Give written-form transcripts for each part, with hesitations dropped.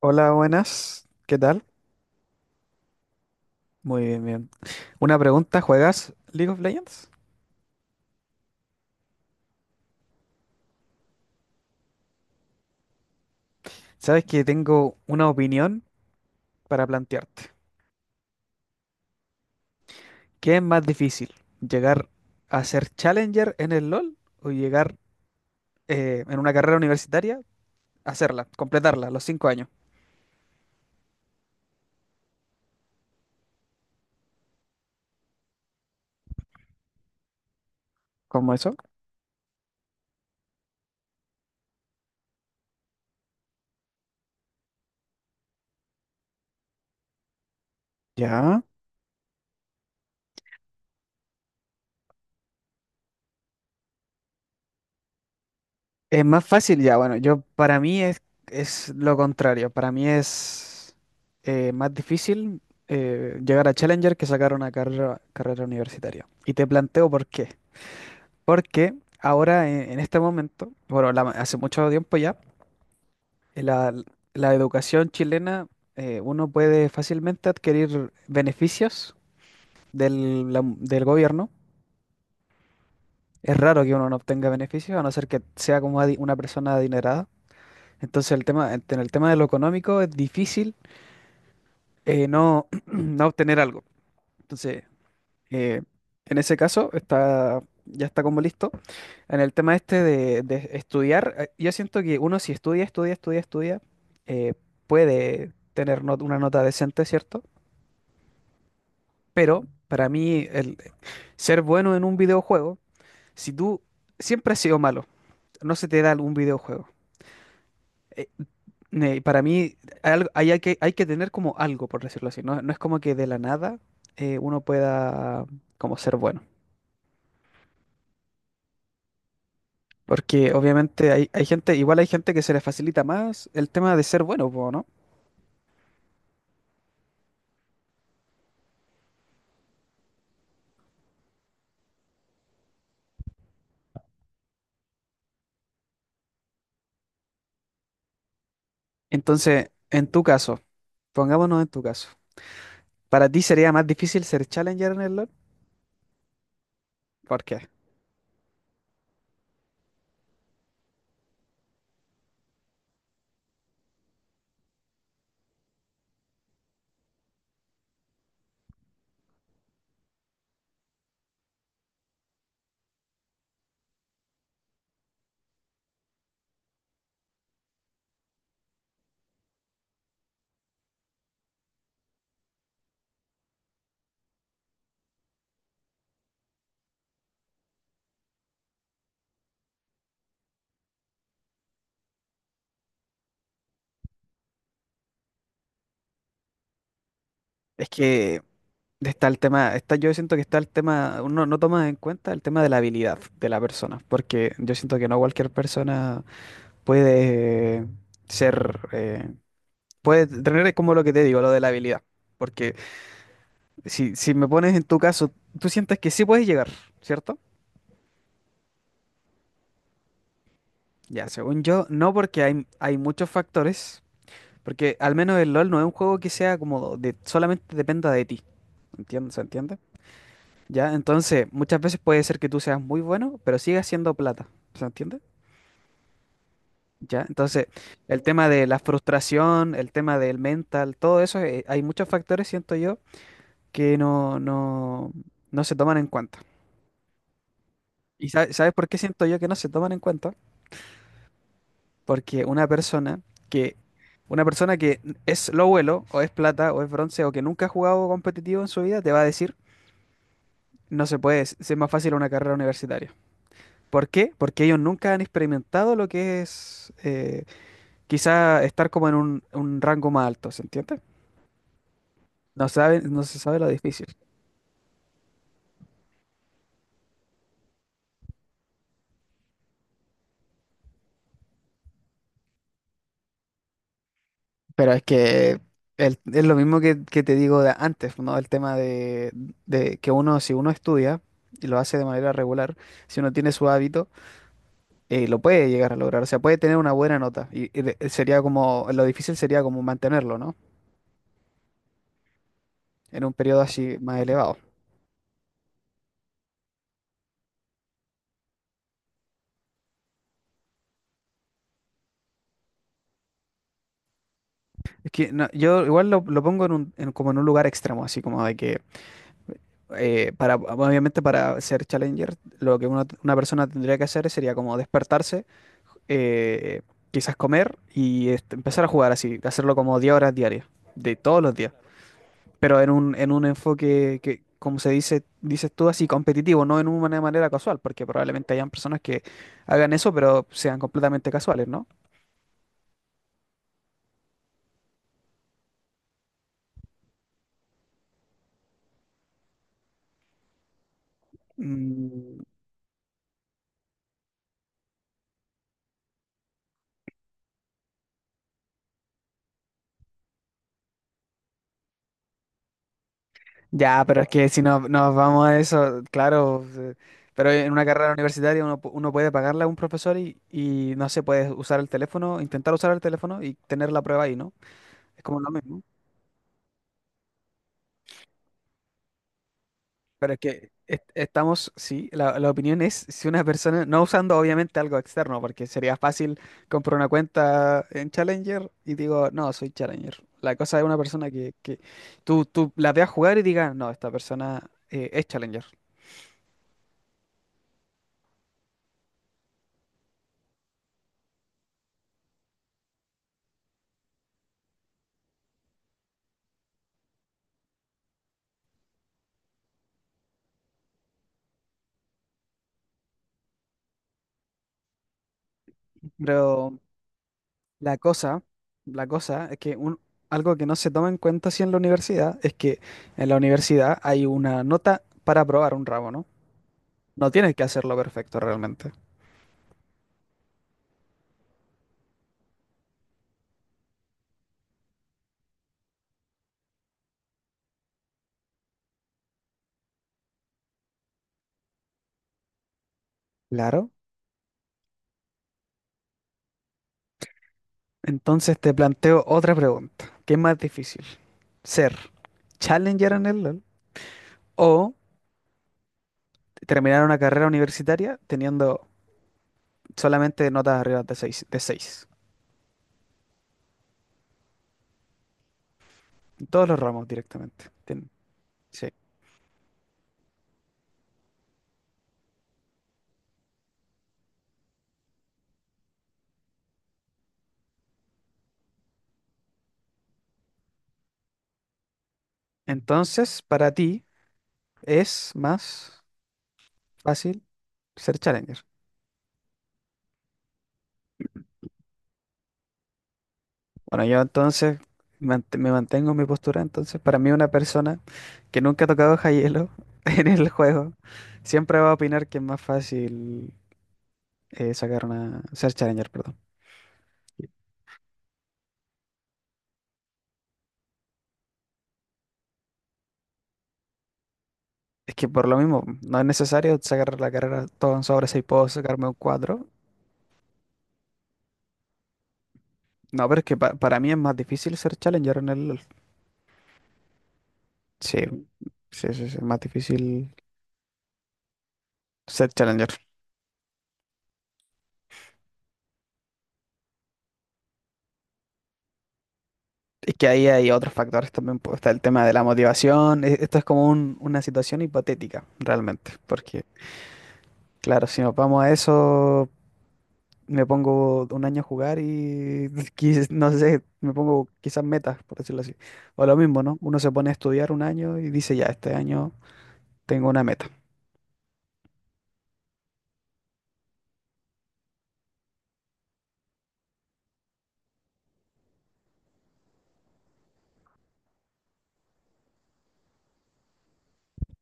Hola, buenas. ¿Qué tal? Muy bien, bien. Una pregunta, ¿juegas League of Legends? Sabes que tengo una opinión para plantearte. ¿Qué es más difícil? ¿Llegar a ser Challenger en el LoL o llegar en una carrera universitaria, hacerla, completarla, los cinco años? ¿Cómo eso? Ya. Es más fácil ya, bueno, yo para mí es lo contrario, para mí es más difícil llegar a Challenger que sacar una carrera universitaria. Y te planteo por qué. Porque ahora en este momento, bueno, hace mucho tiempo ya, eh, la, la educación chilena, uno puede fácilmente adquirir beneficios del gobierno. Es raro que uno no obtenga beneficios, a no ser que sea como una persona adinerada. Entonces, el tema, en el tema de lo económico es difícil no, no obtener algo. Entonces, eh, en ese caso, está, ya está como listo. En el tema este de estudiar, yo siento que uno si estudia, eh, puede tener una nota decente, ¿cierto? Pero para mí, el ser bueno en un videojuego, si tú siempre has sido malo, no se te da algún videojuego. Para mí hay, hay que tener como algo, por decirlo así. No, no es como que de la nada uno pueda como ser bueno. Porque obviamente hay gente, igual hay gente que se le facilita más el tema de ser bueno, po, ¿no? Entonces, en tu caso, pongámonos en tu caso. ¿Para ti sería más difícil ser challenger en el LoL? ¿Por qué? Es que está el tema, está, yo siento que está el tema, uno no toma en cuenta el tema de la habilidad de la persona, porque yo siento que no cualquier persona puede ser, puede tener como lo que te digo, lo de la habilidad. Porque si me pones en tu caso, tú sientes que sí puedes llegar, ¿cierto? Ya, según yo, no porque hay muchos factores, porque al menos el LOL no es un juego que sea como de, solamente dependa de ti. ¿Entiendes? ¿Se entiende? Ya, entonces muchas veces puede ser que tú seas muy bueno, pero sigas siendo plata. ¿Se entiende? Ya, entonces el tema de la frustración, el tema del mental, todo eso, hay muchos factores, siento yo, que no se toman en cuenta. ¿Y sabes por qué siento yo que no se toman en cuenta? Porque que, una persona que es lo vuelo, o es plata, o es bronce, o que nunca ha jugado competitivo en su vida, te va a decir, no se puede, es más fácil una carrera universitaria. ¿Por qué? Porque ellos nunca han experimentado lo que es quizá estar como en un rango más alto, ¿se entiende? No saben, no se sabe lo difícil. Pero es que es lo mismo que te digo de antes, ¿no? El tema de que uno, si uno estudia y lo hace de manera regular, si uno tiene su hábito, lo puede llegar a lograr. O sea, puede tener una buena nota. Y sería como, lo difícil sería como mantenerlo, ¿no? En un periodo así más elevado. Es que no, yo igual lo pongo en un, como en un lugar extremo, así como de que, para, obviamente para ser challenger, lo que una persona tendría que hacer sería como despertarse. eh, quizás comer y este, empezar a jugar así, hacerlo como 10 horas diarias, de todos los días, pero en un enfoque que, como se dice, dices tú, así competitivo, no en una manera casual, porque probablemente hayan personas que hagan eso, pero sean completamente casuales, ¿no? Mm, ya, pero es que si no, nos vamos a eso, claro, pero en una carrera universitaria uno, uno puede pagarle a un profesor y no sé, puedes usar el teléfono, intentar usar el teléfono y tener la prueba ahí, ¿no? Es como lo mismo. Pero es que estamos, sí, la opinión es si una persona, no usando obviamente algo externo, porque sería fácil comprar una cuenta en Challenger y digo, no, soy Challenger. La cosa es una persona que tú la veas jugar y digas, no, esta persona es Challenger. Pero la cosa, la cosa es que un, algo que no se toma en cuenta así en la universidad es que en la universidad hay una nota para aprobar un ramo, ¿no? No tienes que hacerlo perfecto realmente. Claro. Entonces te planteo otra pregunta. ¿Qué es más difícil? ¿Ser Challenger en el LOL o terminar una carrera universitaria teniendo solamente notas arriba de de seis? En todos los ramos directamente. Sí. Entonces, para ti es más fácil ser Challenger. Bueno, yo entonces me mantengo en mi postura. Entonces, para mí una persona que nunca ha tocado High Elo en el juego siempre va a opinar que es más fácil sacar una ser Challenger, perdón. Es que por lo mismo, no es necesario sacar la carrera todo en sobre 6, puedo sacarme un 4. No, pero es que para mí es más difícil ser Challenger en el LoL. Sí, sí, sí, sí, es más difícil ser Challenger. Es que ahí hay otros factores también, pues, está el tema de la motivación. Esto es como una situación hipotética, realmente. Porque, claro, si nos vamos a eso, me pongo un año a jugar y no sé, me pongo quizás metas, por decirlo así. O lo mismo, ¿no? Uno se pone a estudiar un año y dice, ya, este año tengo una meta.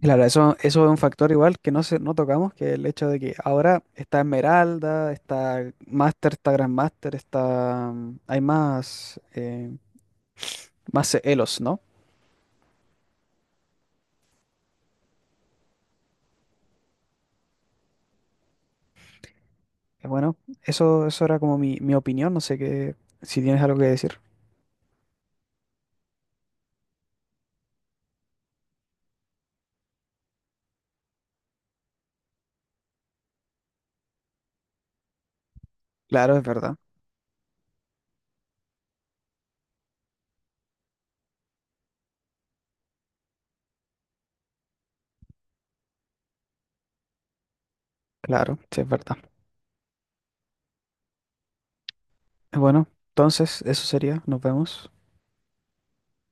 Claro, eso es un factor igual que no tocamos, que el hecho de que ahora está Esmeralda, está Master, está Grandmaster, está... mm, hay más, más Elos, ¿no? Bueno, eso era como mi opinión, no sé qué, si tienes algo que decir. Claro, es verdad, claro, sí, es verdad. Bueno, entonces eso sería. Nos vemos.